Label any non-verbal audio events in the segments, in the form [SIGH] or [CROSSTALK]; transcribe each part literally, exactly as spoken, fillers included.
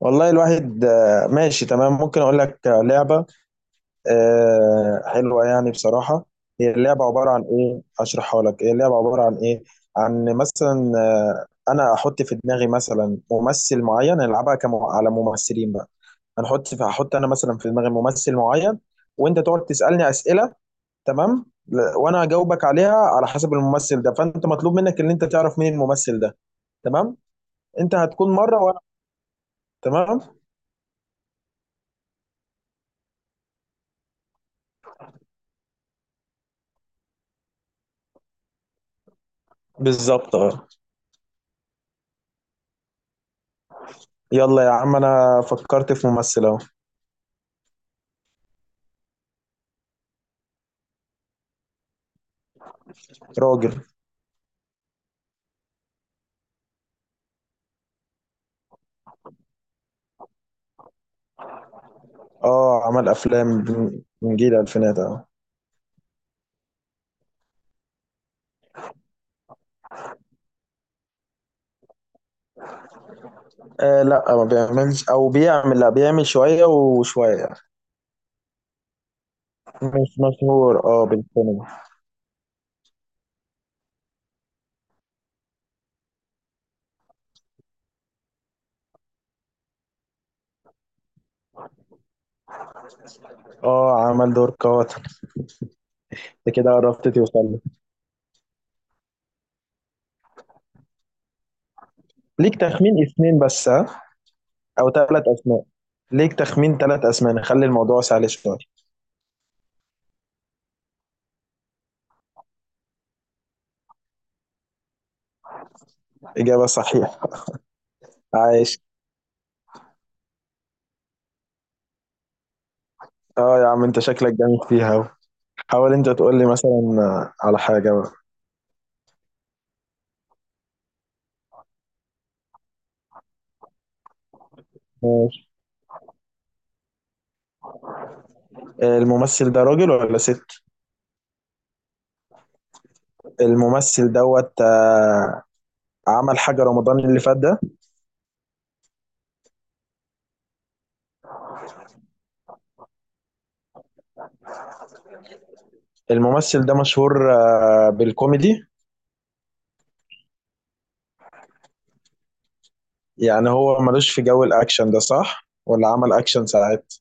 والله الواحد آه، ماشي تمام. ممكن اقول لك، آه، لعبه آه، حلوه يعني بصراحه. هي اللعبه عباره عن ايه؟ اشرحها لك. هي اللعبه عباره عن ايه؟ عن مثلا، آه، انا احط في دماغي مثلا ممثل معين. نلعبها كم على ممثلين بقى. هنحط في هحط انا مثلا في دماغي ممثل معين، وانت تقعد تسالني اسئله. تمام. ل- وانا اجاوبك عليها على حسب الممثل ده، فانت مطلوب منك ان انت تعرف مين الممثل ده. تمام. انت هتكون مره وانا. تمام. بالظبط، اه. يلا يا عم، انا فكرت في ممثل اهو. راجل. اه، عمل افلام، من من جيل الالفينات اهو. آه لا، ما بيعملش، او بيعمل، لا بيعمل شويه وشويه. مش مشهور اه بالسينما. اه، عمل دور قاتل. انت كده قربت توصل لي. ليك تخمين اسمين بس، ها. او ثلاث اسماء. ليك تخمين ثلاث اسماء، نخلي الموضوع سهل شويه. اجابه صحيحه. عايش. اه يا عم، انت شكلك جامد فيها أوي. حاول انت تقول لي مثلا، آه، على حاجه بقى. ماشي. آه، الممثل ده راجل ولا ست؟ الممثل دوت، آه، عمل حاجة رمضان اللي فات ده؟ الممثل ده مشهور آه، بالكوميدي؟ يعني هو ملوش في جو الأكشن ده، صح؟ ولا عمل أكشن ساعات؟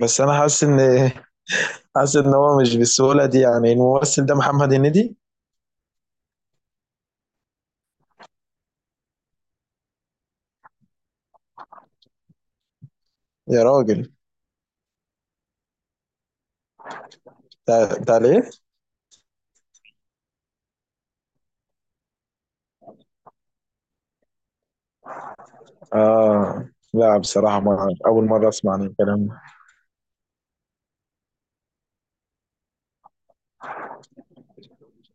بس أنا حاسس إن [LAUGHS] حاسس إن هو مش بالسهولة دي. يعني الممثل ده محمد هنيدي؟ يا راجل، بتاع بتاع ليه؟ آه لا، بصراحة ما أول مرة أسمع عن الكلام ده.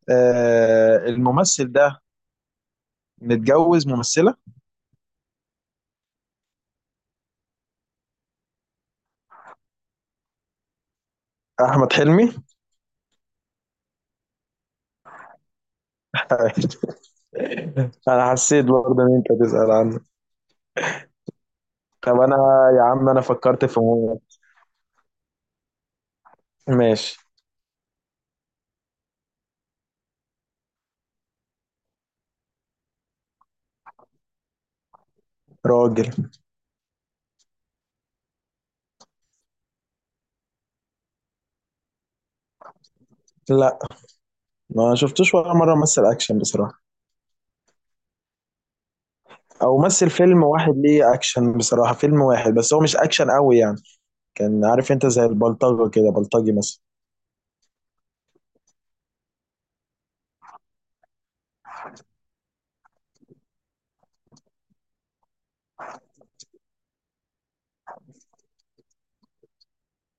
آه، الممثل ده متجوز ممثلة؟ أحمد حلمي. [LAUGHS] أنا حسيت برضه إن أنت تسأل عنه. طب انا، يا عم انا فكرت في مو- ماشي. راجل. لا، ما شفتوش ولا مره مثل اكشن بصراحه. او مثل فيلم واحد ليه اكشن بصراحه، فيلم واحد بس، هو مش اكشن قوي يعني. كان عارف انت زي البلطجه كده، بلطجي مثلا.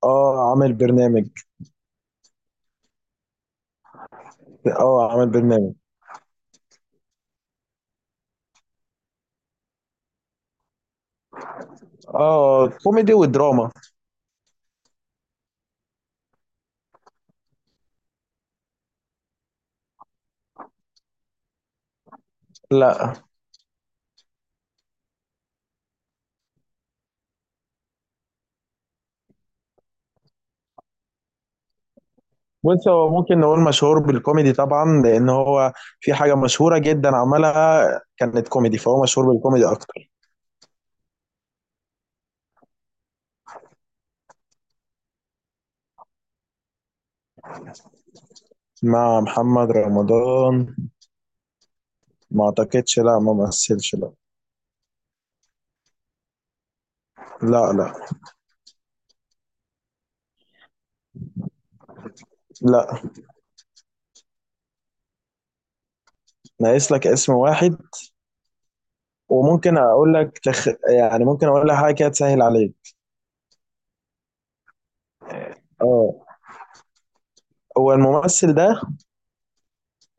اه، عامل برنامج. اه، عامل برنامج. اه، كوميدي ودراما. لا. بص، هو ممكن نقول مشهور بالكوميدي طبعا، لان هو في حاجه مشهوره جدا عملها، كانت كوميدي، فهو مشهور بالكوميدي اكتر. مع محمد رمضان؟ ما اعتقدش، لا ما مثلش، لا. لا. لا. لا. ناقص لك اسم واحد. وممكن اقول لك تخ... يعني ممكن اقول لك حاجه كده تسهل عليك. اه. هو الممثل ده،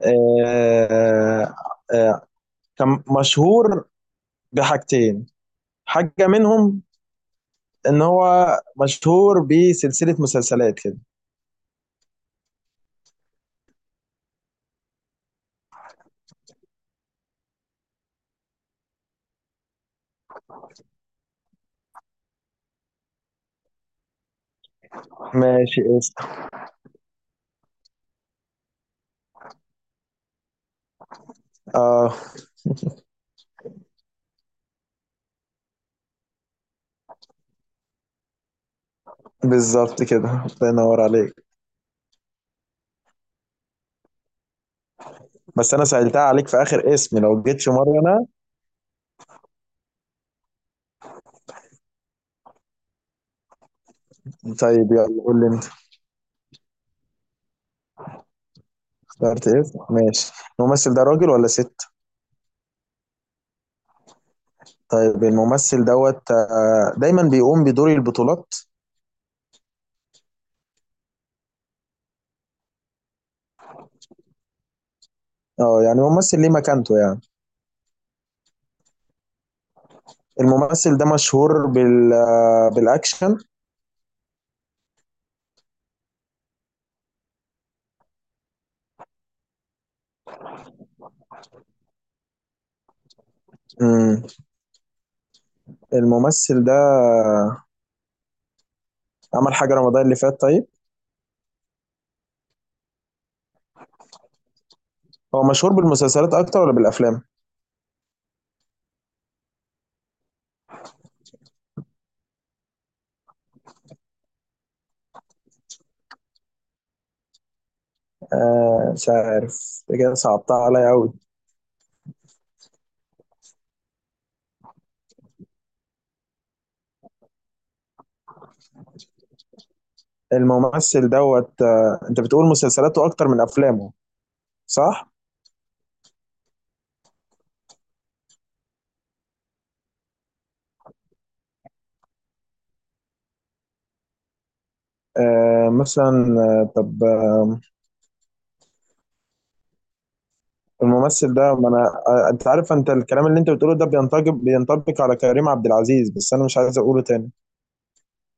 آه... آه... كان مشهور بحاجتين. حاجه منهم ان هو مشهور بسلسله مسلسلات كده. ماشي اسم. اه، بالظبط كده، الله ينور عليك. بس انا سألتها عليك في اخر اسم، لو جيت في مره انا. طيب يلا قول لي. شرط اسم، ماشي. الممثل ده راجل ولا ست؟ طيب، الممثل دوت، آه، دايما بيقوم بدور البطولات؟ اه، يعني ممثل ليه مكانته يعني. الممثل ده مشهور بال آه، بالاكشن؟ امم. الممثل ده عمل حاجة رمضان اللي فات؟ طيب. هو مشهور بالمسلسلات اكتر ولا بالافلام؟ آه مش عارف، ده كده صعبتها عليا قوي. الممثل دوت، آه، انت بتقول مسلسلاته اكتر من افلامه، صح؟ آه مثلا آه، طب الممثل ده، ما انا آه، انت عارف، انت الكلام اللي انت بتقوله ده بينطبق بينطبق على كريم عبد العزيز، بس انا مش عايز اقوله تاني،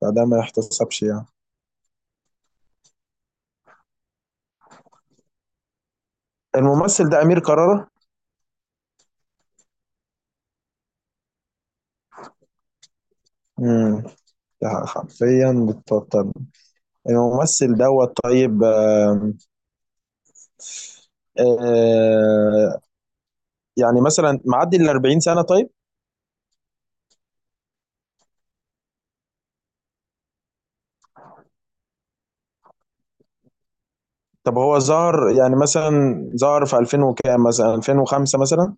فده ما يحتسبش يعني. الممثل ده امير كرارة. امم. ده حرفيا بتبطل. الممثل دوت طيب، آم، آه يعني مثلا معدي ال أربعين سنة، طيب؟ طب هو ظهر يعني مثلا، ظهر في ألفين وكام، مثلا ألفين وخمسة مثلا؟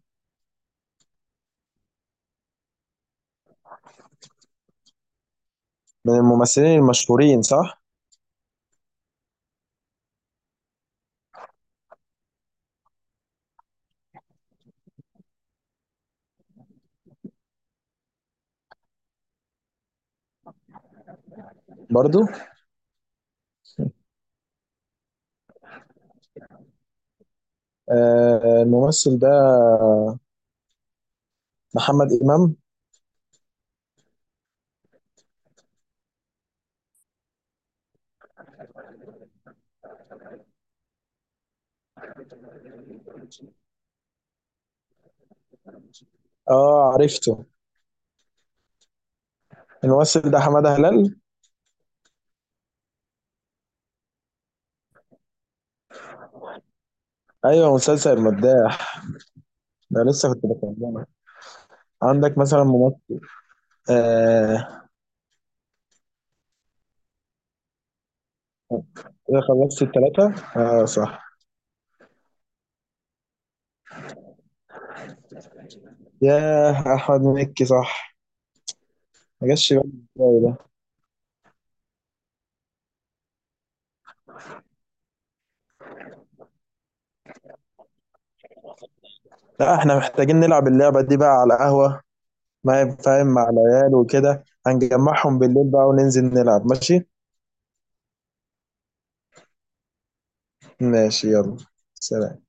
من الممثلين المشهورين، صح؟ برضو. آه الممثل ده محمد إمام. اه عرفته. الممثل ده حمادة هلال. ايوه، مسلسل المداح، ده لسه كنت بكلمك. عندك مثلا ممثل، آه. كده خلصت التلاتة، اه صح. ياه، احمد مكي، صح. ما جاش بالي. إزاي ده؟ لا، احنا محتاجين نلعب اللعبة دي بقى على قهوة. ما ينفعين مع العيال وكده، هنجمعهم بالليل بقى وننزل نلعب. ماشي. ماشي يلا. سلام.